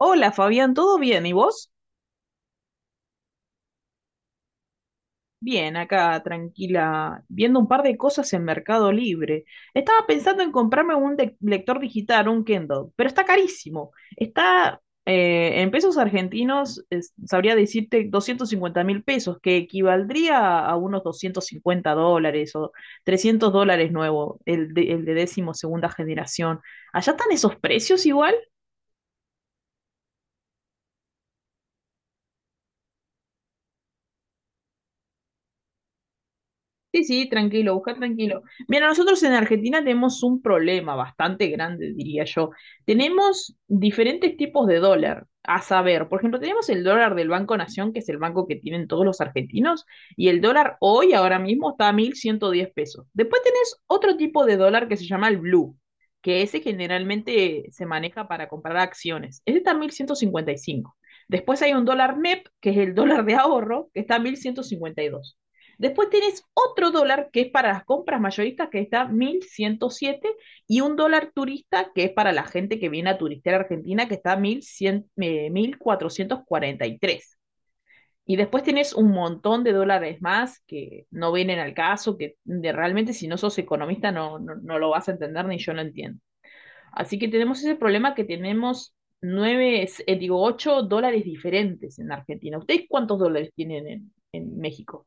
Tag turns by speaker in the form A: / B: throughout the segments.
A: Hola Fabián, ¿todo bien? ¿Y vos? Bien, acá tranquila, viendo un par de cosas en Mercado Libre. Estaba pensando en comprarme un lector digital, un Kindle, pero está carísimo. Está en pesos argentinos, sabría decirte 250.000 pesos, que equivaldría a unos US$250 o US$300 nuevo, el de décimo segunda generación. ¿Allá están esos precios igual? Sí, sí, tranquilo, busca tranquilo. Mira, nosotros en Argentina tenemos un problema bastante grande, diría yo. Tenemos diferentes tipos de dólar, a saber, por ejemplo, tenemos el dólar del Banco Nación, que es el banco que tienen todos los argentinos, y el dólar hoy, ahora mismo, está a 1.110 pesos. Después tenés otro tipo de dólar que se llama el blue, que ese generalmente se maneja para comprar acciones. Ese está a 1.155. Después hay un dólar MEP, que es el dólar de ahorro, que está a 1.152. Después tenés otro dólar que es para las compras mayoristas, que está 1.107. Y un dólar turista que es para la gente que viene a turistear a Argentina, que está 1100, 1443. Y después tenés un montón de dólares más que no vienen al caso, que realmente si no sos economista no, no, no lo vas a entender ni yo lo entiendo. Así que tenemos ese problema que tenemos nueve, digo, ocho dólares diferentes en Argentina. ¿Ustedes cuántos dólares tienen en México?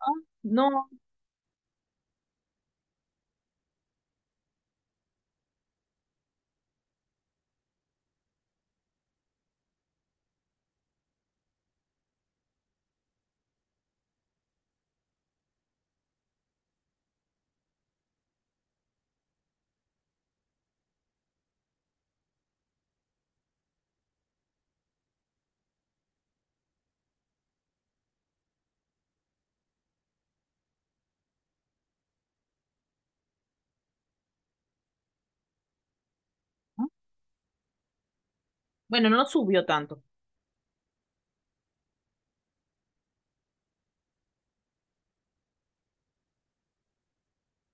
A: Ah. No. Bueno, no subió tanto.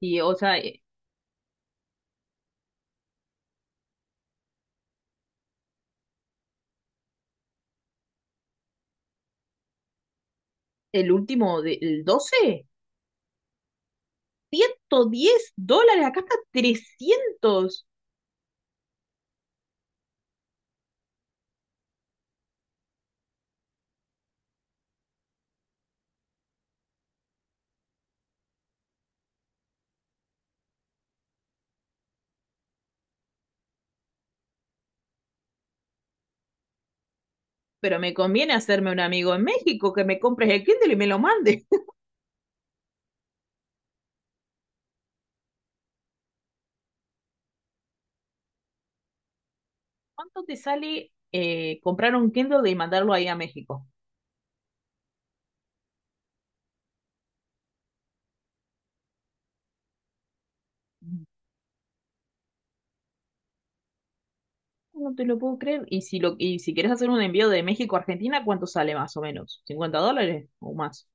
A: Y, o sea, el último del 12, diez dólares, acá está trescientos. Pero me conviene hacerme un amigo en México que me compres el Kindle y me lo mande. ¿Cuánto te sale comprar un Kindle y mandarlo ahí a México? No te lo puedo creer. Y y si quieres hacer un envío de México a Argentina, ¿cuánto sale más o menos? ¿US$50 o más?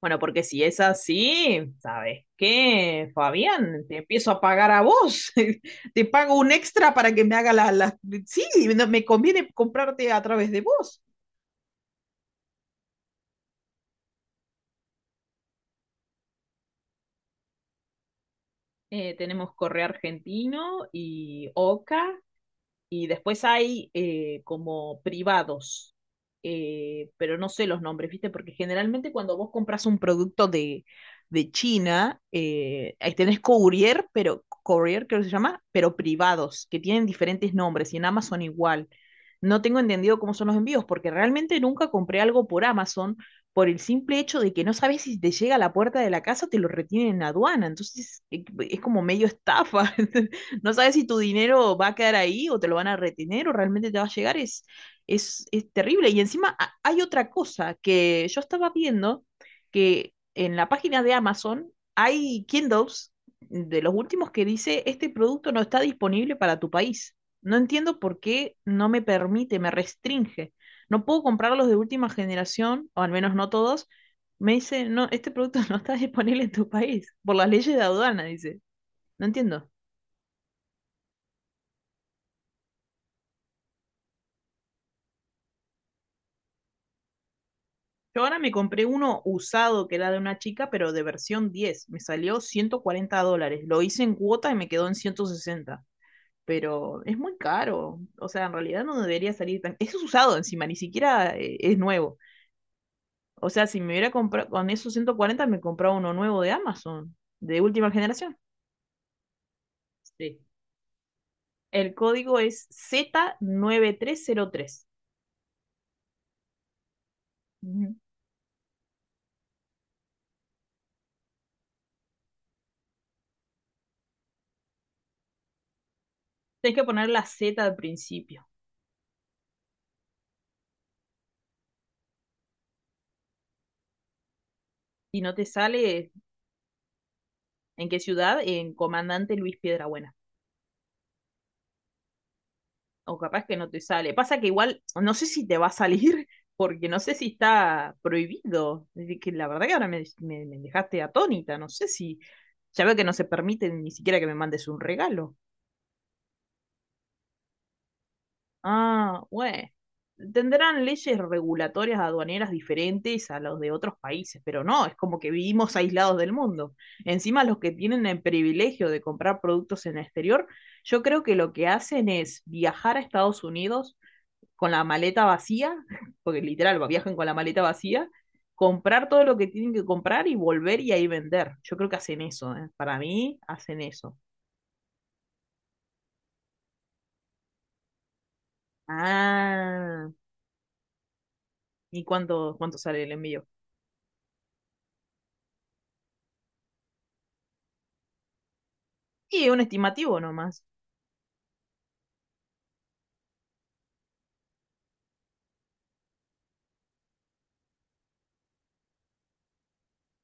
A: Bueno, porque si es así, ¿sabes qué, Fabián? Te empiezo a pagar a vos. Te pago un extra para que me haga las. Sí, no, me conviene comprarte a través de vos. Tenemos Correo Argentino y Oca. Y después hay como privados, pero no sé los nombres, ¿viste? Porque generalmente cuando vos compras un producto de China, ahí tenés courier, pero courier creo que se llama, pero privados, que tienen diferentes nombres y en Amazon igual. No tengo entendido cómo son los envíos, porque realmente nunca compré algo por Amazon por el simple hecho de que no sabes si te llega a la puerta de la casa o te lo retienen en aduana. Entonces es como medio estafa. No sabes si tu dinero va a quedar ahí o te lo van a retener o realmente te va a llegar. Es terrible. Y encima hay otra cosa que yo estaba viendo que en la página de Amazon hay Kindles de los últimos que dice este producto no está disponible para tu país. No entiendo por qué no me permite, me restringe. No puedo comprar los de última generación, o al menos no todos. Me dice, no, este producto no está disponible en tu país por las leyes de aduana, dice. No entiendo. Yo ahora me compré uno usado que era de una chica, pero de versión diez. Me salió US$140. Lo hice en cuota y me quedó en 160. Pero es muy caro. O sea, en realidad no debería salir tan. Eso es usado encima, ni siquiera es nuevo. O sea, si me hubiera comprado con esos 140 me compraba uno nuevo de Amazon, de última generación. Sí. El código es Z9303. Nueve tres cero tres. Ujú. Tienes que poner la Z al principio. Y no te sale. En qué ciudad, en Comandante Luis Piedrabuena. O capaz que no te sale. Pasa que igual no sé si te va a salir porque no sé si está prohibido. Es decir, que la verdad que ahora me dejaste atónita, no sé si ya veo que no se permite ni siquiera que me mandes un regalo. Ah, bueno. Tendrán leyes regulatorias aduaneras diferentes a los de otros países, pero no, es como que vivimos aislados del mundo. Encima, los que tienen el privilegio de comprar productos en el exterior, yo creo que lo que hacen es viajar a Estados Unidos con la maleta vacía, porque literal, viajan con la maleta vacía, comprar todo lo que tienen que comprar y volver y ahí vender. Yo creo que hacen eso, ¿eh? Para mí, hacen eso. Ah, ¿y cuánto sale el envío? Y un estimativo nomás.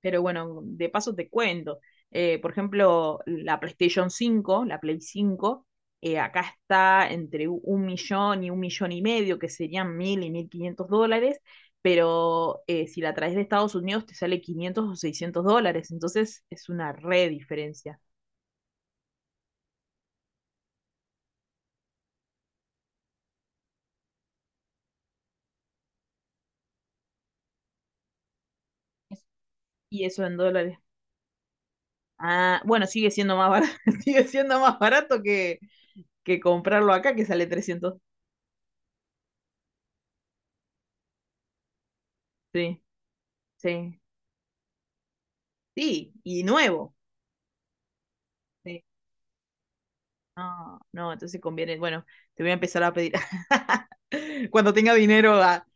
A: Pero bueno, de paso te cuento. Por ejemplo, la PlayStation cinco, la Play cinco, acá está entre un millón y medio, que serían mil y mil quinientos dólares, pero si la traes de Estados Unidos te sale 500 o 600 dólares, entonces es una re diferencia. ¿Y eso en dólares? Ah, bueno, sigue siendo más barato, sigue siendo más barato que comprarlo acá, que sale trescientos. Sí, sí. Sí, y nuevo. Sí. No, no, entonces conviene. Bueno, te voy a empezar a pedir. Cuando tenga dinero, a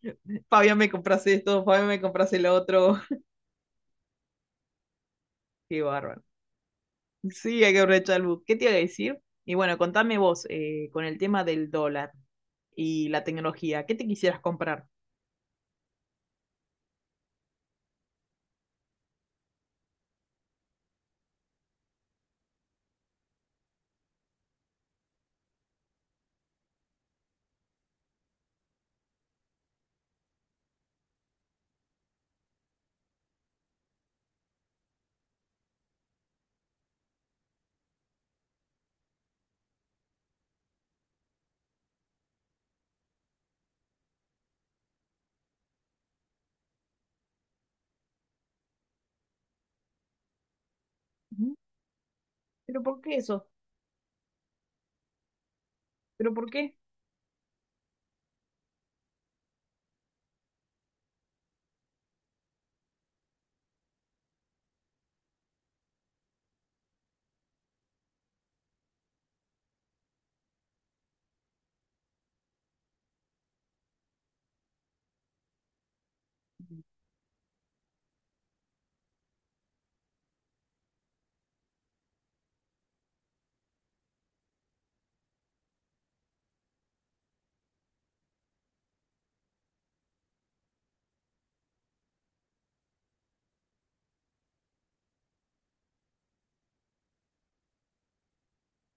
A: Fabián me compras esto, Fabián me compras el otro. Qué bárbaro. Sí, hay que aprovechar el boom. ¿Qué te iba a decir? Y bueno, contame vos con el tema del dólar y la tecnología. ¿Qué te quisieras comprar? Ujú. ¿Pero por qué eso? ¿Pero por qué?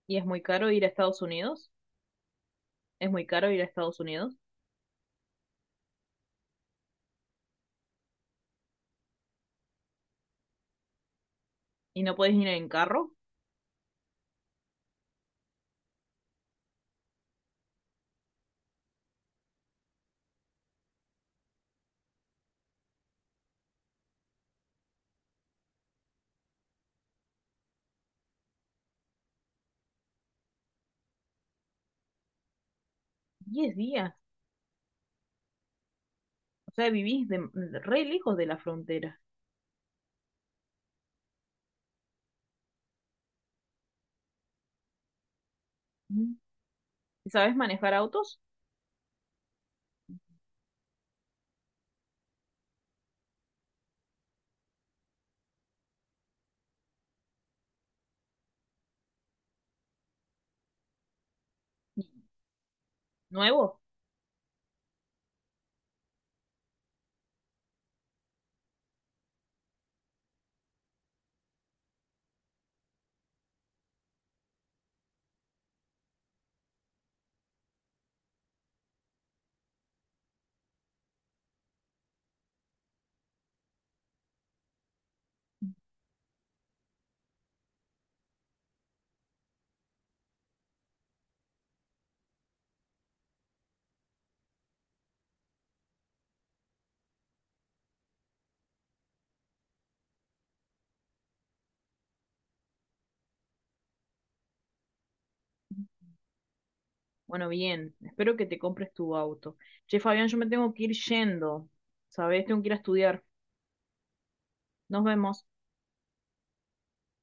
A: ¿Y es muy caro ir a Estados Unidos? ¿Es muy caro ir a Estados Unidos? ¿Y no podés ir en carro? 10 días. O sea, vivís re lejos de la frontera. Ujú. ¿Y sabés manejar autos nuevos? Bueno, bien, espero que te compres tu auto. Che, Fabián, yo me tengo que ir yendo, ¿sabes? Tengo que ir a estudiar. Nos vemos.